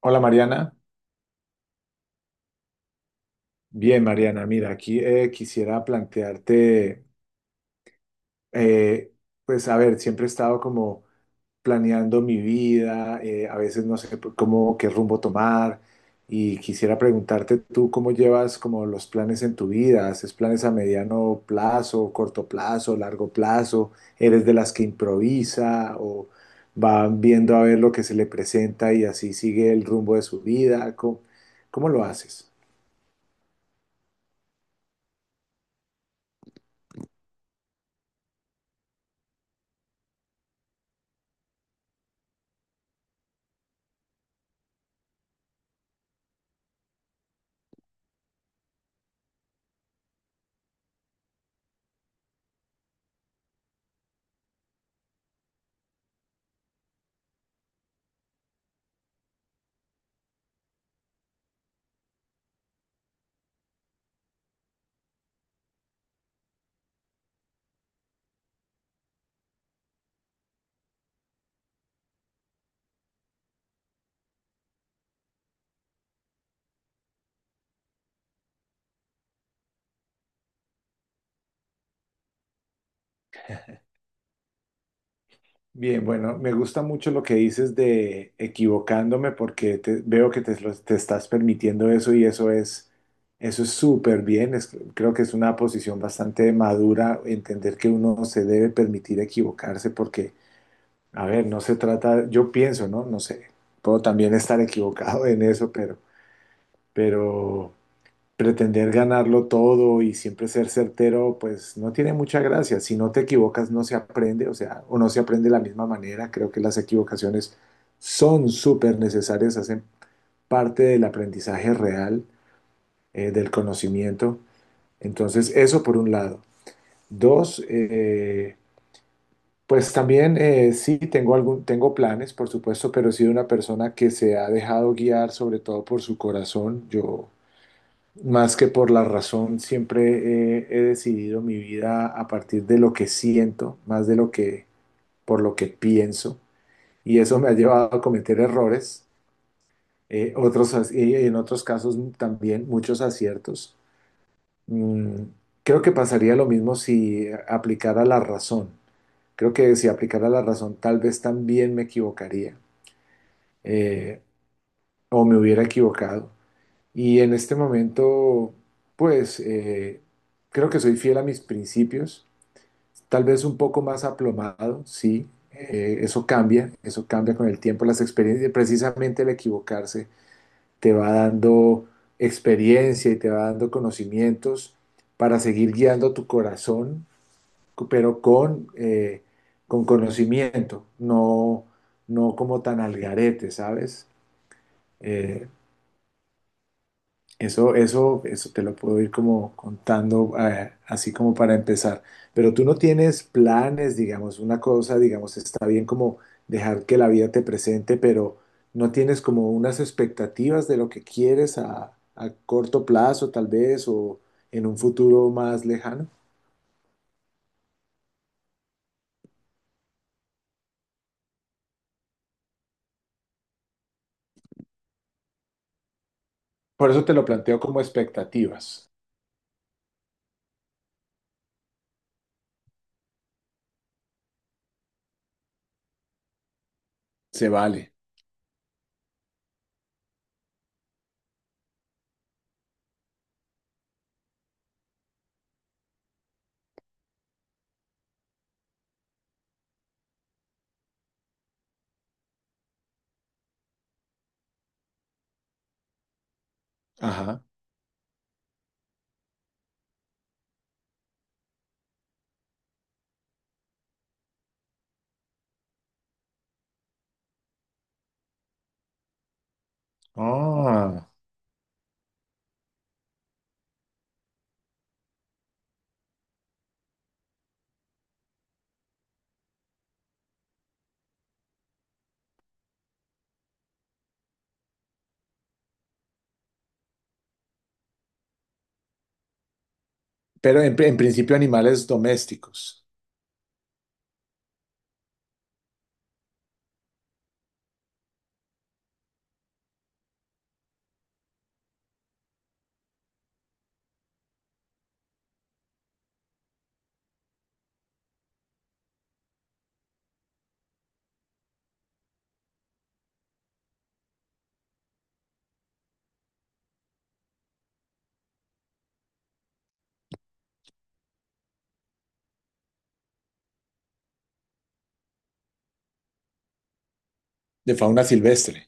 Hola Mariana, bien Mariana, mira, aquí quisiera plantearte, eh, pues a ver, siempre he estado como planeando mi vida, a veces no sé cómo, qué rumbo tomar y quisiera preguntarte tú cómo llevas como los planes en tu vida. ¿Haces planes a mediano plazo, corto plazo, largo plazo? ¿Eres de las que improvisa o van viendo a ver lo que se le presenta y así sigue el rumbo de su vida? ¿Cómo lo haces? Bien, bueno, me gusta mucho lo que dices de equivocándome porque veo que te estás permitiendo eso y eso es súper bien. Creo que es una posición bastante madura entender que uno se debe permitir equivocarse porque, a ver, no se trata, yo pienso, ¿no? No sé, puedo también estar equivocado en eso, pero pretender ganarlo todo y siempre ser certero, pues no tiene mucha gracia. Si no te equivocas, no se aprende, o sea, o no se aprende de la misma manera. Creo que las equivocaciones son súper necesarias, hacen parte del aprendizaje real, del conocimiento. Entonces, eso por un lado. Dos, pues también sí tengo algún, tengo planes, por supuesto, pero he sido una persona que se ha dejado guiar sobre todo por su corazón. Yo Más que por la razón, siempre he decidido mi vida a partir de lo que siento, más de lo que por lo que pienso, y eso me ha llevado a cometer errores, y en otros casos también muchos aciertos. Mm, creo que pasaría lo mismo si aplicara la razón. Creo que si aplicara la razón, tal vez también me equivocaría eh, o me hubiera equivocado. Y en este momento, pues creo que soy fiel a mis principios, tal vez un poco más aplomado, sí, eso cambia con el tiempo, las experiencias, precisamente el equivocarse te va dando experiencia y te va dando conocimientos para seguir guiando tu corazón, pero con conocimiento, no, no como tan al garete, ¿sabes? Eh, eso te lo puedo ir como contando, así como para empezar. Pero tú no tienes planes, digamos, una cosa, digamos, está bien como dejar que la vida te presente, pero no tienes como unas expectativas de lo que quieres a corto plazo, tal vez, o en un futuro más lejano. Por eso te lo planteo como expectativas. Se vale. Ajá. Ah, pero en principio animales domésticos, de fauna silvestre.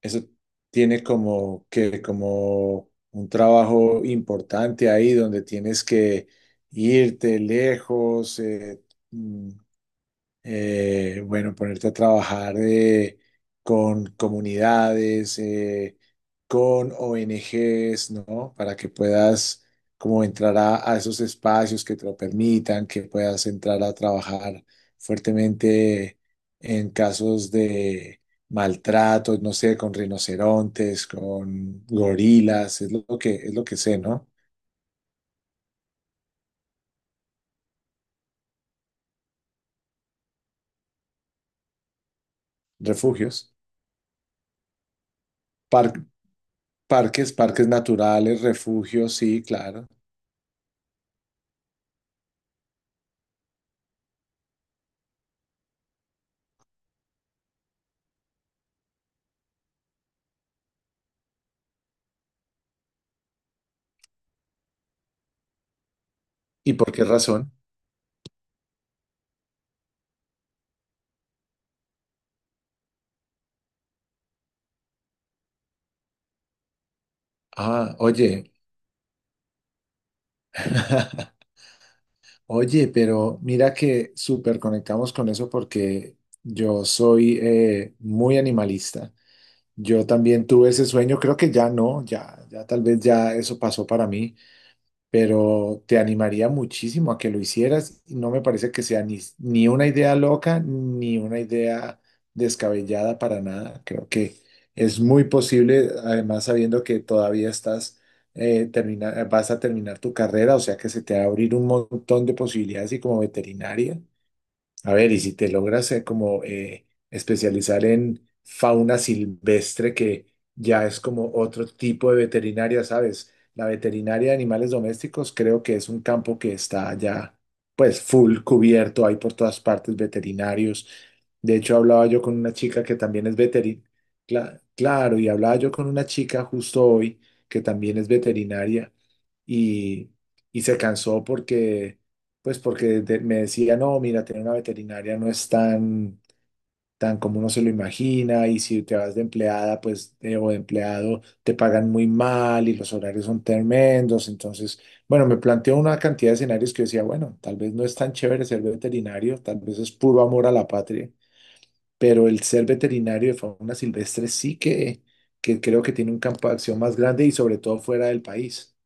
Eso tiene como que como un trabajo importante ahí donde tienes que irte lejos, mm, bueno, ponerte a trabajar con comunidades, con ONGs, ¿no? Para que puedas como entrar a esos espacios que te lo permitan, que puedas entrar a trabajar fuertemente en casos de maltrato, no sé, con rinocerontes, con gorilas, es lo que sé, ¿no? Refugios, par- parques, parques naturales, refugios, sí, claro. ¿Y por qué razón? Ah, oye, oye, pero mira que súper conectamos con eso porque yo soy muy animalista. Yo también tuve ese sueño, creo que ya no, ya tal vez ya eso pasó para mí. Pero te animaría muchísimo a que lo hicieras y no me parece que sea ni una idea loca ni una idea descabellada para nada. Creo que es muy posible, además sabiendo que todavía estás vas a terminar tu carrera, o sea que se te va a abrir un montón de posibilidades y como veterinaria. A ver, y si te logras como especializar en fauna silvestre, que ya es como otro tipo de veterinaria, ¿sabes? La veterinaria de animales domésticos creo que es un campo que está ya pues full cubierto, hay por todas partes veterinarios. De hecho, hablaba yo con una chica que también es veterinaria, claro, y hablaba yo con una chica justo hoy que también es veterinaria y, y se cansó porque pues porque me decía, no, mira, tener una veterinaria no es tan como uno se lo imagina y si te vas de empleada, pues, o de empleado, te pagan muy mal y los horarios son tremendos. Entonces, bueno, me planteó una cantidad de escenarios que yo decía, bueno, tal vez no es tan chévere ser veterinario, tal vez es puro amor a la patria, pero el ser veterinario de fauna silvestre sí que creo que tiene un campo de acción más grande y sobre todo fuera del país.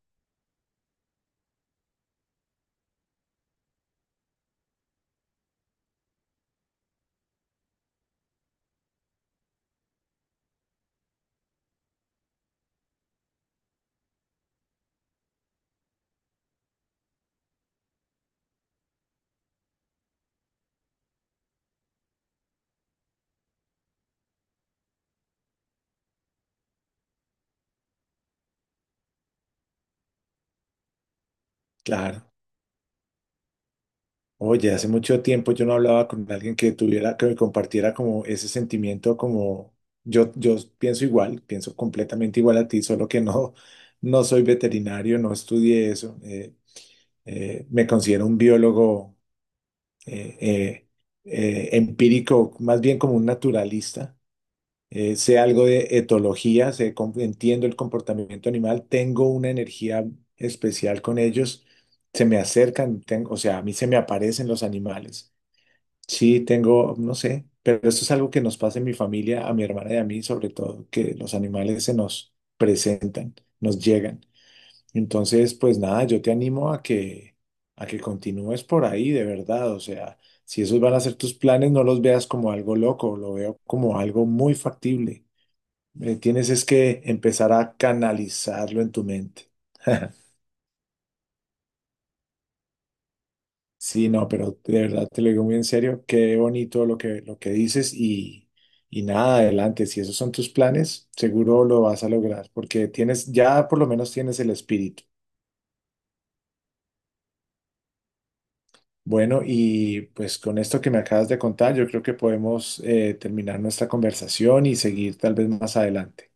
Claro. Oye, hace mucho tiempo yo no hablaba con alguien que tuviera, que me compartiera como ese sentimiento, como yo pienso igual, pienso completamente igual a ti, solo que no, no soy veterinario, no estudié eso. Me considero un biólogo eh, eh, empírico, más bien como un naturalista. Sé algo de etología, entiendo el comportamiento animal, tengo una energía especial con ellos, se me acercan, o sea, a mí se me aparecen los animales. Sí, tengo, no sé, pero esto es algo que nos pasa en mi familia, a mi hermana y a mí, sobre todo, que los animales se nos presentan, nos llegan. Entonces, pues nada, yo te animo a que continúes por ahí, de verdad. O sea, si esos van a ser tus planes, no los veas como algo loco, lo veo como algo muy factible. Tienes es que empezar a canalizarlo en tu mente. Sí, no, pero de verdad te lo digo muy en serio, qué bonito lo que dices y nada, adelante, si esos son tus planes, seguro lo vas a lograr, porque tienes, ya por lo menos tienes el espíritu. Bueno, y pues con esto que me acabas de contar, yo creo que podemos terminar nuestra conversación y seguir tal vez más adelante.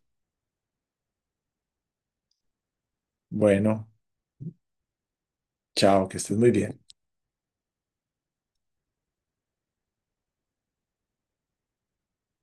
Bueno, chao, que estés muy bien.